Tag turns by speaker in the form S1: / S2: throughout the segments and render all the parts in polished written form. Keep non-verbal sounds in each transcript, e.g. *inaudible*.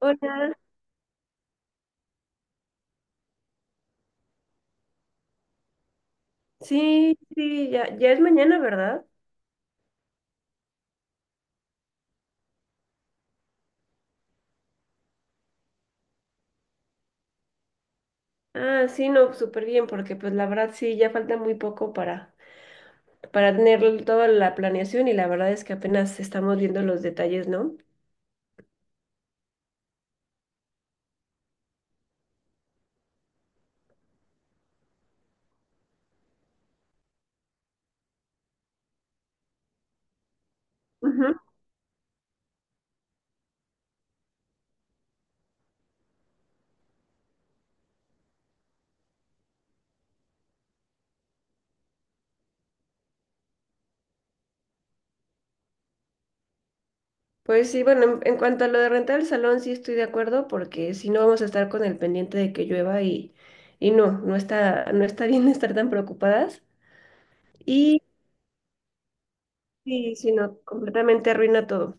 S1: Hola, sí, sí, ya, ya es mañana, ¿verdad? Ah, sí, no, súper bien, porque pues la verdad sí, ya falta muy poco para tener toda la planeación y la verdad es que apenas estamos viendo los detalles, ¿no? Ujú. Pues sí, bueno, en cuanto a lo de rentar el salón, sí estoy de acuerdo, porque si no vamos a estar con el pendiente de que llueva y no, no está bien *laughs* estar tan preocupadas. Y sí, sí, no, completamente arruina todo.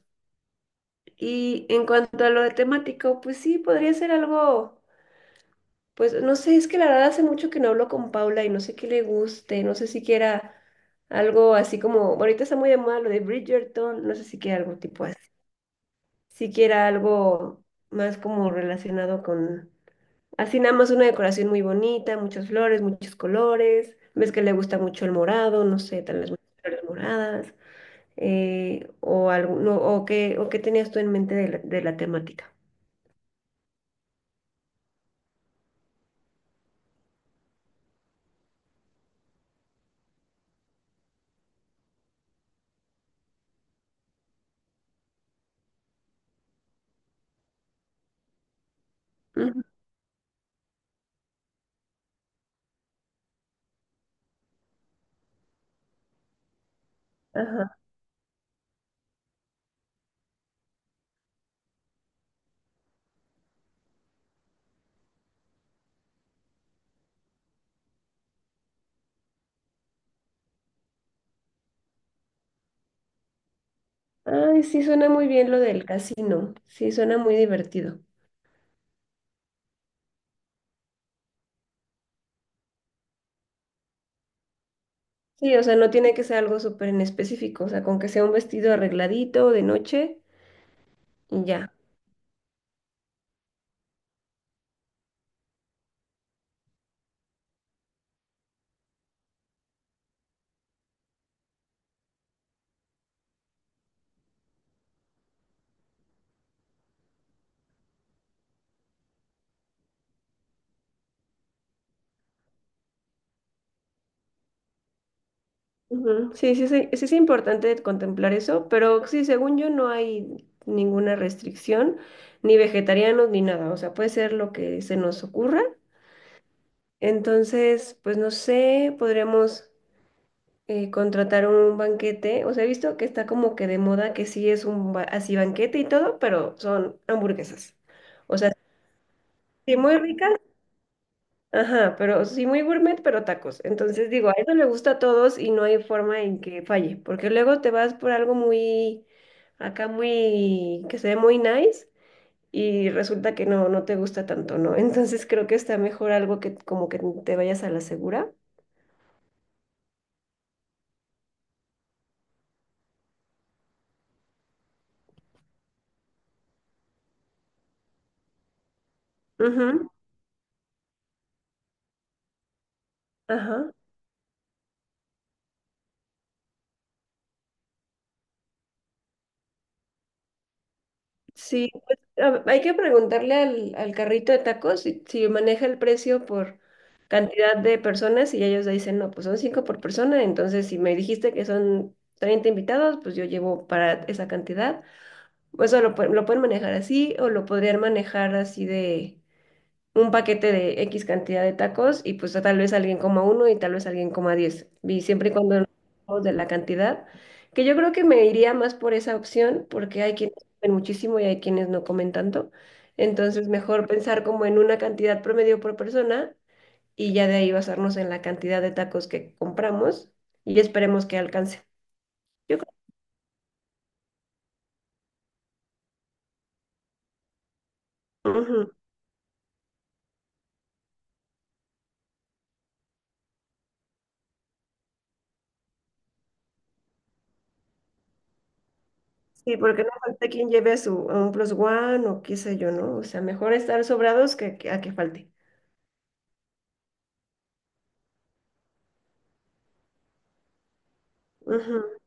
S1: Y en cuanto a lo de temático, pues sí, podría ser algo. Pues no sé, es que la verdad hace mucho que no hablo con Paula y no sé qué le guste, no sé si quiera algo así como, bueno, ahorita está muy de moda lo de Bridgerton, no sé si quiera algo tipo así, si quiera algo más como relacionado con, así nada más una decoración muy bonita, muchas flores, muchos colores, ves que le gusta mucho el morado, no sé, tal vez muchas flores moradas, o algo, no, o qué tenías tú en mente de la, temática. Ujú. Ajá. Ay, sí suena muy bien lo del casino. Sí, suena muy divertido. Sí, o sea, no tiene que ser algo súper en específico, o sea, con que sea un vestido arregladito de noche y ya. Ujú. Sí, sí, sí, sí es importante contemplar eso, pero sí, según yo no hay ninguna restricción, ni vegetarianos ni nada, o sea, puede ser lo que se nos ocurra. Entonces, pues no sé, podríamos contratar un banquete. O sea, he visto que está como que de moda que sí es un así banquete y todo, pero son hamburguesas. O sea, sí muy ricas, ajá, pero sí muy gourmet, pero tacos. Entonces digo, a eso le gusta a todos y no hay forma en que falle, porque luego te vas por algo muy, acá muy, que se ve muy nice. Y resulta que no te gusta tanto, ¿no? *laughs* Entonces creo que está mejor algo que como que te vayas a la segura. Ujú, ajá. Sí, pues, hay que preguntarle al carrito de tacos si maneja el precio por cantidad de personas y ellos dicen, no, pues son cinco por persona, entonces si me dijiste que son 30 invitados, pues yo llevo para esa cantidad. Pues, eso lo pueden manejar así o lo podrían manejar así de un paquete de X cantidad de tacos y pues tal vez alguien coma uno y tal vez alguien coma 10. Y siempre y cuando no hablemos de la cantidad, que yo creo que me iría más por esa opción porque hay quienes comen muchísimo y hay quienes no comen tanto. Entonces mejor pensar como en una cantidad promedio por persona y ya de ahí basarnos en la cantidad de tacos que compramos y esperemos que alcance. Yo Ujú. Sí, porque no falta quien lleve su un plus one o qué sé yo, ¿no? O sea, mejor estar sobrados que, a que falte. Ujú,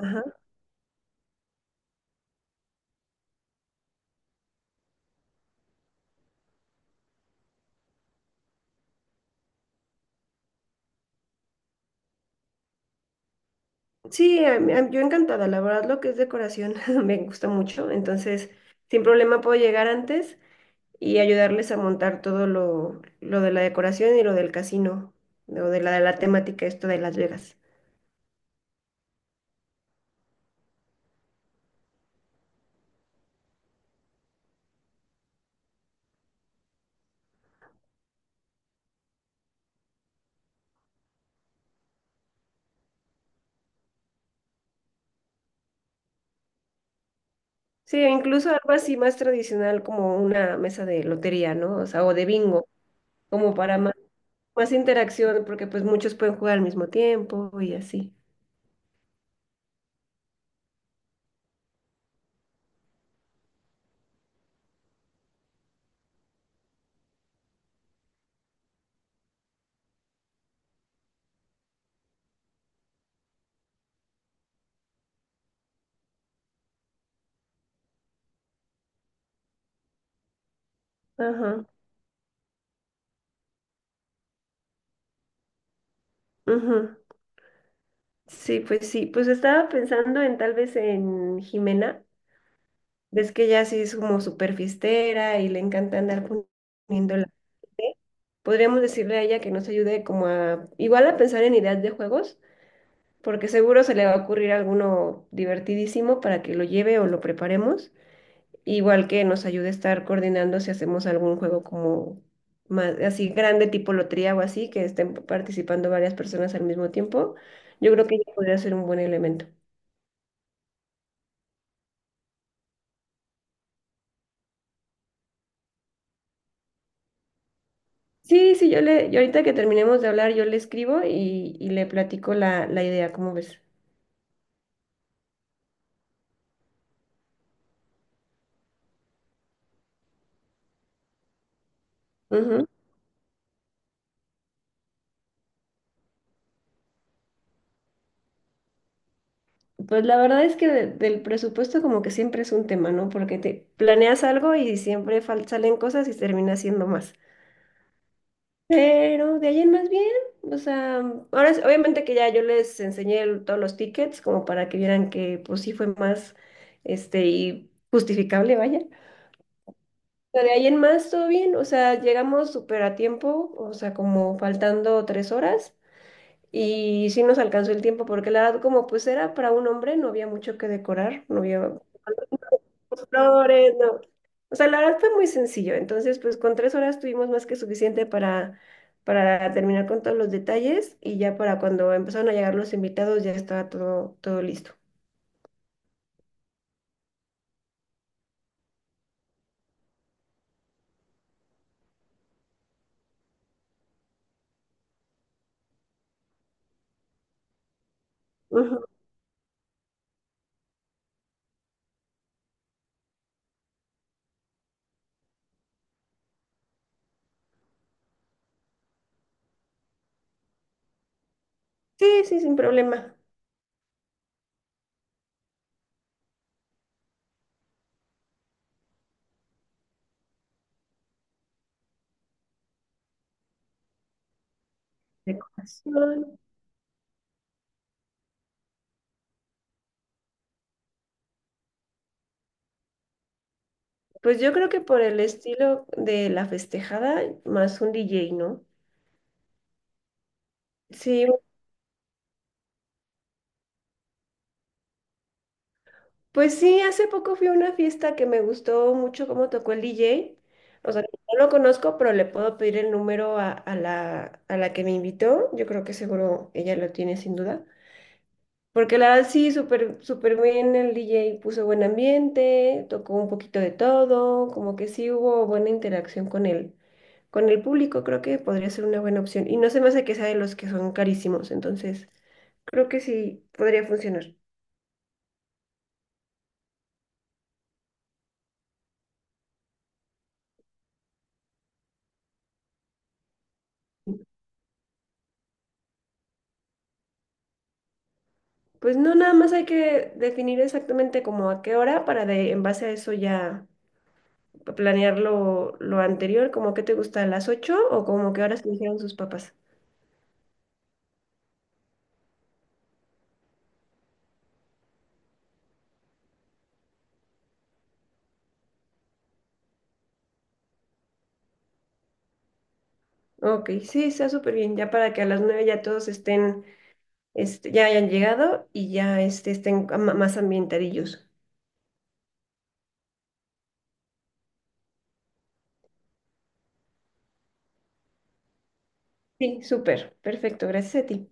S1: ajá. Sí, yo encantada, la verdad lo que es decoración *laughs* me gusta mucho, entonces sin problema puedo llegar antes y ayudarles a montar todo lo de la decoración y lo del casino, lo de la temática esto de Las Vegas. Sí, e incluso algo así más tradicional como una mesa de lotería, ¿no? O sea, o de bingo, como para más interacción, porque pues muchos pueden jugar al mismo tiempo y así. Ajá. Ujú. Sí, pues estaba pensando en tal vez en Jimena. Ves que ella sí es como súper fiestera y le encanta andar poniendo la gente. Podríamos decirle a ella que nos ayude como igual a pensar en ideas de juegos, porque seguro se le va a ocurrir alguno divertidísimo para que lo lleve o lo preparemos. Igual que nos ayude a estar coordinando si hacemos algún juego como más, así grande, tipo lotería o así, que estén participando varias personas al mismo tiempo. Yo creo que ella podría ser un buen elemento. Sí, sí, yo ahorita que terminemos de hablar, yo le escribo y le platico la idea, ¿cómo ves? Ujú. Pues la verdad es que del presupuesto como que siempre es un tema, ¿no? Porque te planeas algo y siempre salen cosas y termina siendo más. Pero de ahí en más bien, o sea, ahora obviamente que ya yo les enseñé todos los tickets como para que vieran que pues sí fue más, este, y justificable, vaya. Pero de ahí en más, todo bien, o sea, llegamos súper a tiempo, o sea, como faltando 3 horas. Y sí nos alcanzó el tiempo porque la verdad, como pues era para un hombre, no había mucho que decorar, no había flores, no. O sea, la verdad fue muy sencillo. Entonces, pues con 3 horas tuvimos más que suficiente para terminar con todos los detalles y ya para cuando empezaron a llegar los invitados ya estaba todo listo. Ujú. Sí, sí, sin problema. Decoración. Pues yo creo que por el estilo de la festejada, más un DJ, ¿no? Sí, pues sí, hace poco fui a una fiesta que me gustó mucho cómo tocó el DJ. O sea, no lo conozco, pero le puedo pedir el número a la que me invitó. Yo creo que seguro ella lo tiene sin duda. Porque la verdad sí, súper, súper bien el DJ puso buen ambiente, tocó un poquito de todo, como que sí hubo buena interacción con el, público, creo que podría ser una buena opción. Y no se me hace que sea de los que son carísimos, entonces creo que sí podría funcionar. Pues no, nada más hay que definir exactamente como a qué hora para en base a eso ya planear lo anterior, como que te gusta a las 8 o como qué horas te dijeron sus papás. Ok, sí, está súper bien, ya para que a las 9 ya todos estén, este, ya hayan llegado y ya este, estén más ambientadillos. Sí, súper, perfecto, gracias a ti.